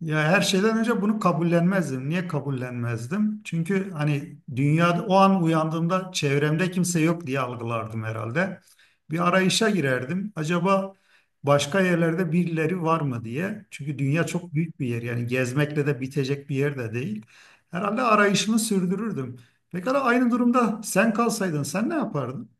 Ya her şeyden önce bunu kabullenmezdim. Niye kabullenmezdim? Çünkü hani dünyada o an uyandığımda çevremde kimse yok diye algılardım herhalde. Bir arayışa girerdim. Acaba başka yerlerde birileri var mı diye. Çünkü dünya çok büyük bir yer. Yani gezmekle de bitecek bir yer de değil. Herhalde arayışımı sürdürürdüm. Pekala aynı durumda sen kalsaydın sen ne yapardın?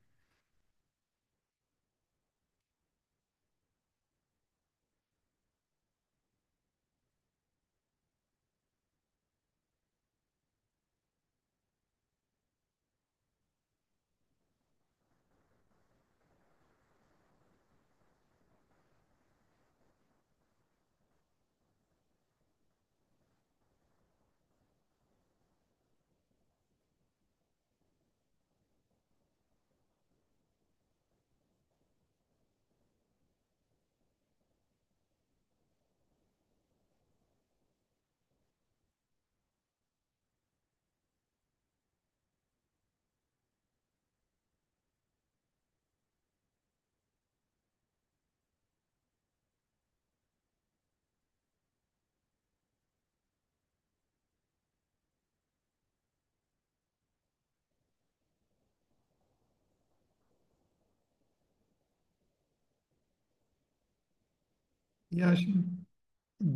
Ya şimdi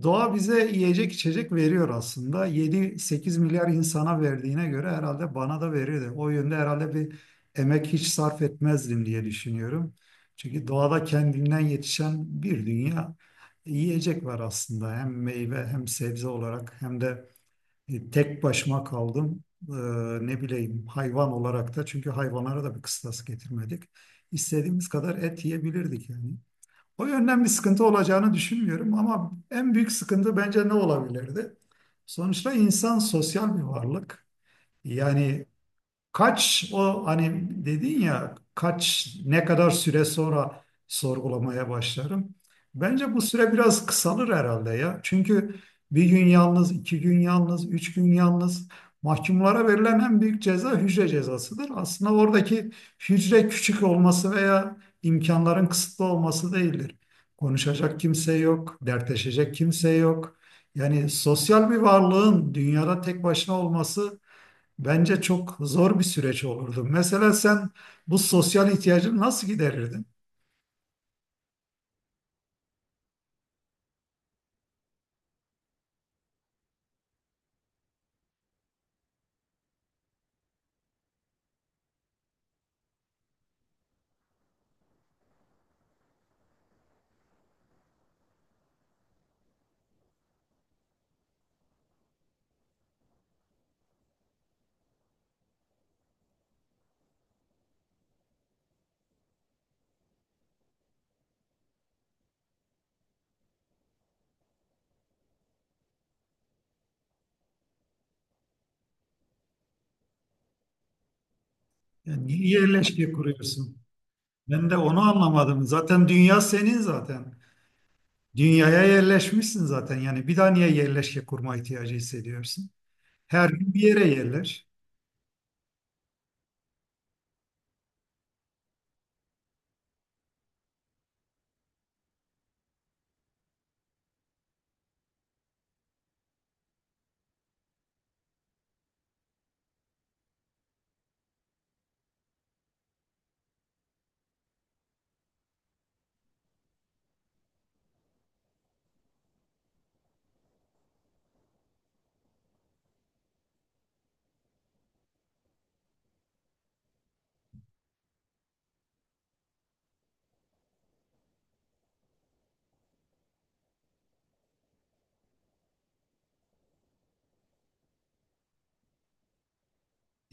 doğa bize yiyecek içecek veriyor aslında. 7-8 milyar insana verdiğine göre herhalde bana da verirdi. O yönde herhalde bir emek hiç sarf etmezdim diye düşünüyorum. Çünkü doğada kendinden yetişen bir dünya yiyecek var aslında. Hem meyve hem sebze olarak hem de tek başıma kaldım. Ne bileyim hayvan olarak da, çünkü hayvanlara da bir kıstas getirmedik. İstediğimiz kadar et yiyebilirdik yani. O yönden bir sıkıntı olacağını düşünmüyorum, ama en büyük sıkıntı bence ne olabilirdi? Sonuçta insan sosyal bir varlık. Yani kaç, o hani dedin ya, kaç ne kadar süre sonra sorgulamaya başlarım. Bence bu süre biraz kısalır herhalde ya. Çünkü bir gün yalnız, iki gün yalnız, üç gün yalnız, mahkumlara verilen en büyük ceza hücre cezasıdır. Aslında oradaki hücre küçük olması veya imkanların kısıtlı olması değildir. Konuşacak kimse yok, dertleşecek kimse yok. Yani sosyal bir varlığın dünyada tek başına olması, bence çok zor bir süreç olurdu. Mesela sen bu sosyal ihtiyacını nasıl giderirdin? Yani niye yerleşke kuruyorsun? Ben de onu anlamadım. Zaten dünya senin zaten. Dünyaya yerleşmişsin zaten. Yani bir daha niye yerleşke kurma ihtiyacı hissediyorsun? Her gün bir yere yerleş.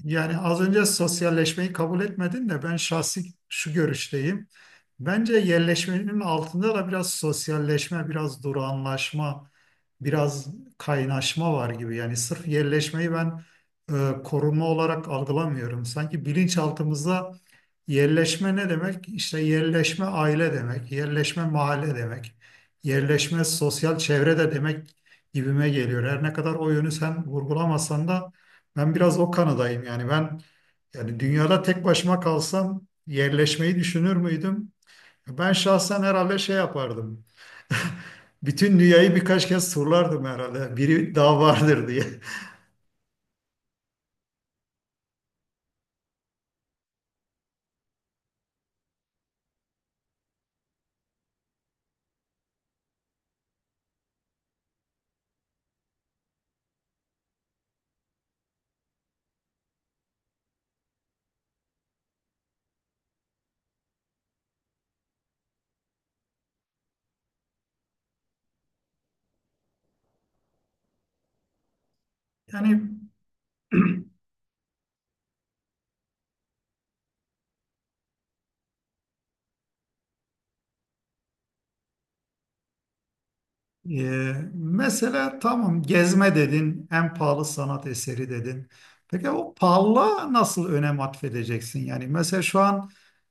Yani az önce sosyalleşmeyi kabul etmedin de, ben şahsi şu görüşteyim. Bence yerleşmenin altında da biraz sosyalleşme, biraz durağanlaşma, biraz kaynaşma var gibi. Yani sırf yerleşmeyi ben korunma olarak algılamıyorum. Sanki bilinçaltımızda yerleşme ne demek? İşte yerleşme aile demek, yerleşme mahalle demek, yerleşme sosyal çevre de demek gibime geliyor. Her ne kadar o yönü sen vurgulamasan da ben biraz o kanadayım. Yani ben, yani dünyada tek başıma kalsam yerleşmeyi düşünür müydüm? Ben şahsen herhalde şey yapardım. Bütün dünyayı birkaç kez turlardım herhalde. Biri daha vardır diye. Yani Ee, mesela tamam, gezme dedin, en pahalı sanat eseri dedin. Peki o pahalılığa nasıl önem atfedeceksin? Yani mesela şu an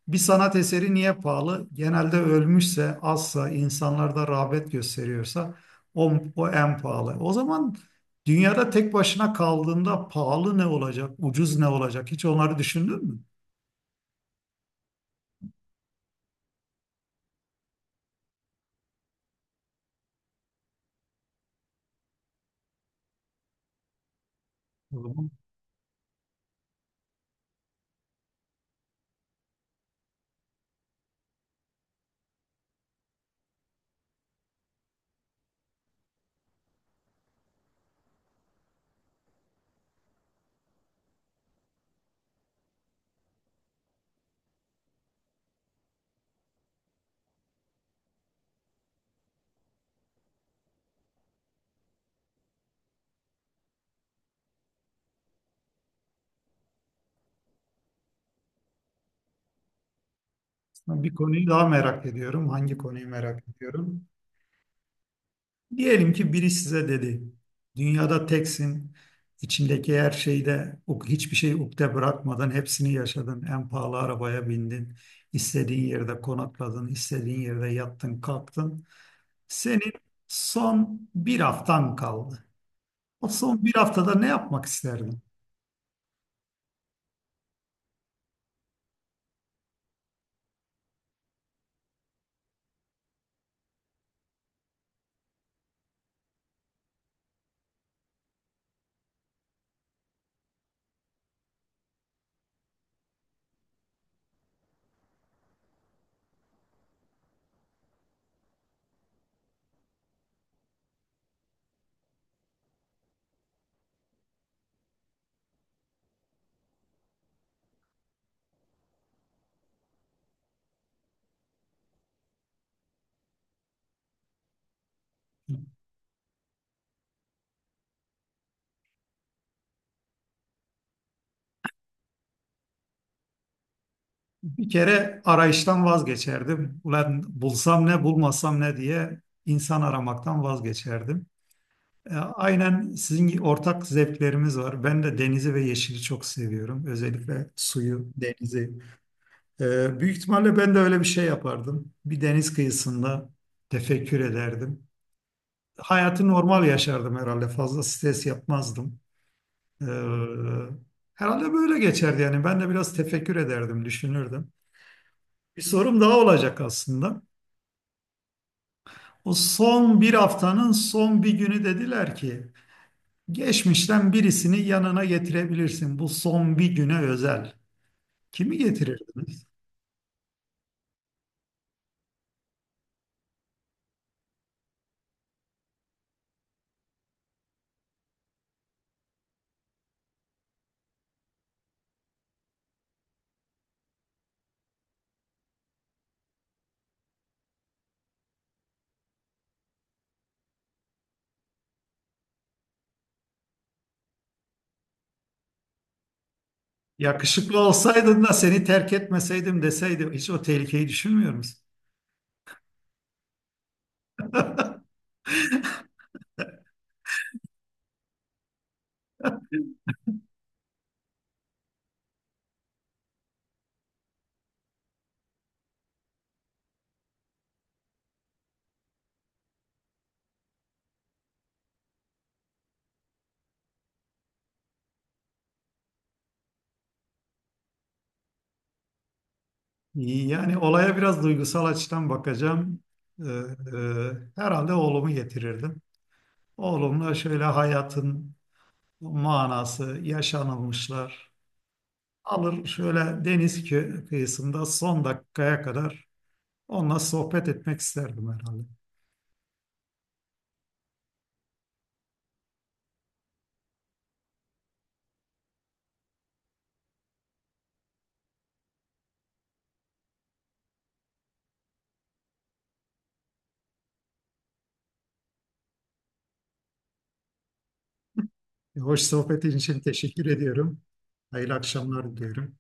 bir sanat eseri niye pahalı? Genelde ölmüşse, azsa, insanlarda rağbet gösteriyorsa o en pahalı. O zaman dünyada tek başına kaldığında pahalı ne olacak, ucuz ne olacak? Hiç onları düşündün mü? O zaman aslında bir konuyu daha merak ediyorum. Hangi konuyu merak ediyorum? Diyelim ki biri size dedi, dünyada teksin, içindeki her şeyde hiçbir şey ukde bırakmadan hepsini yaşadın. En pahalı arabaya bindin, istediğin yerde konakladın, istediğin yerde yattın, kalktın. Senin son bir haftan kaldı. O son bir haftada ne yapmak isterdin? Bir kere arayıştan vazgeçerdim. Ulan bulsam ne, bulmasam ne diye insan aramaktan vazgeçerdim. Aynen sizin gibi ortak zevklerimiz var. Ben de denizi ve yeşili çok seviyorum. Özellikle suyu, denizi. Büyük ihtimalle ben de öyle bir şey yapardım. Bir deniz kıyısında tefekkür ederdim. Hayatı normal yaşardım herhalde. Fazla stres yapmazdım. Ee, herhalde böyle geçerdi yani. Ben de biraz tefekkür ederdim, düşünürdüm. Bir sorum daha olacak aslında. O son bir haftanın son bir günü dediler ki, geçmişten birisini yanına getirebilirsin. Bu son bir güne özel. Kimi getirirdiniz? Yakışıklı olsaydın da seni terk etmeseydim deseydi, hiç o tehlikeyi düşünmüyor musun? Yani olaya biraz duygusal açıdan bakacağım. Herhalde oğlumu getirirdim. Oğlumla şöyle hayatın manası, yaşanılmışlar. Alır şöyle deniz kıyısında son dakikaya kadar onunla sohbet etmek isterdim herhalde. Hoş sohbetin için teşekkür ediyorum. Hayırlı akşamlar diliyorum.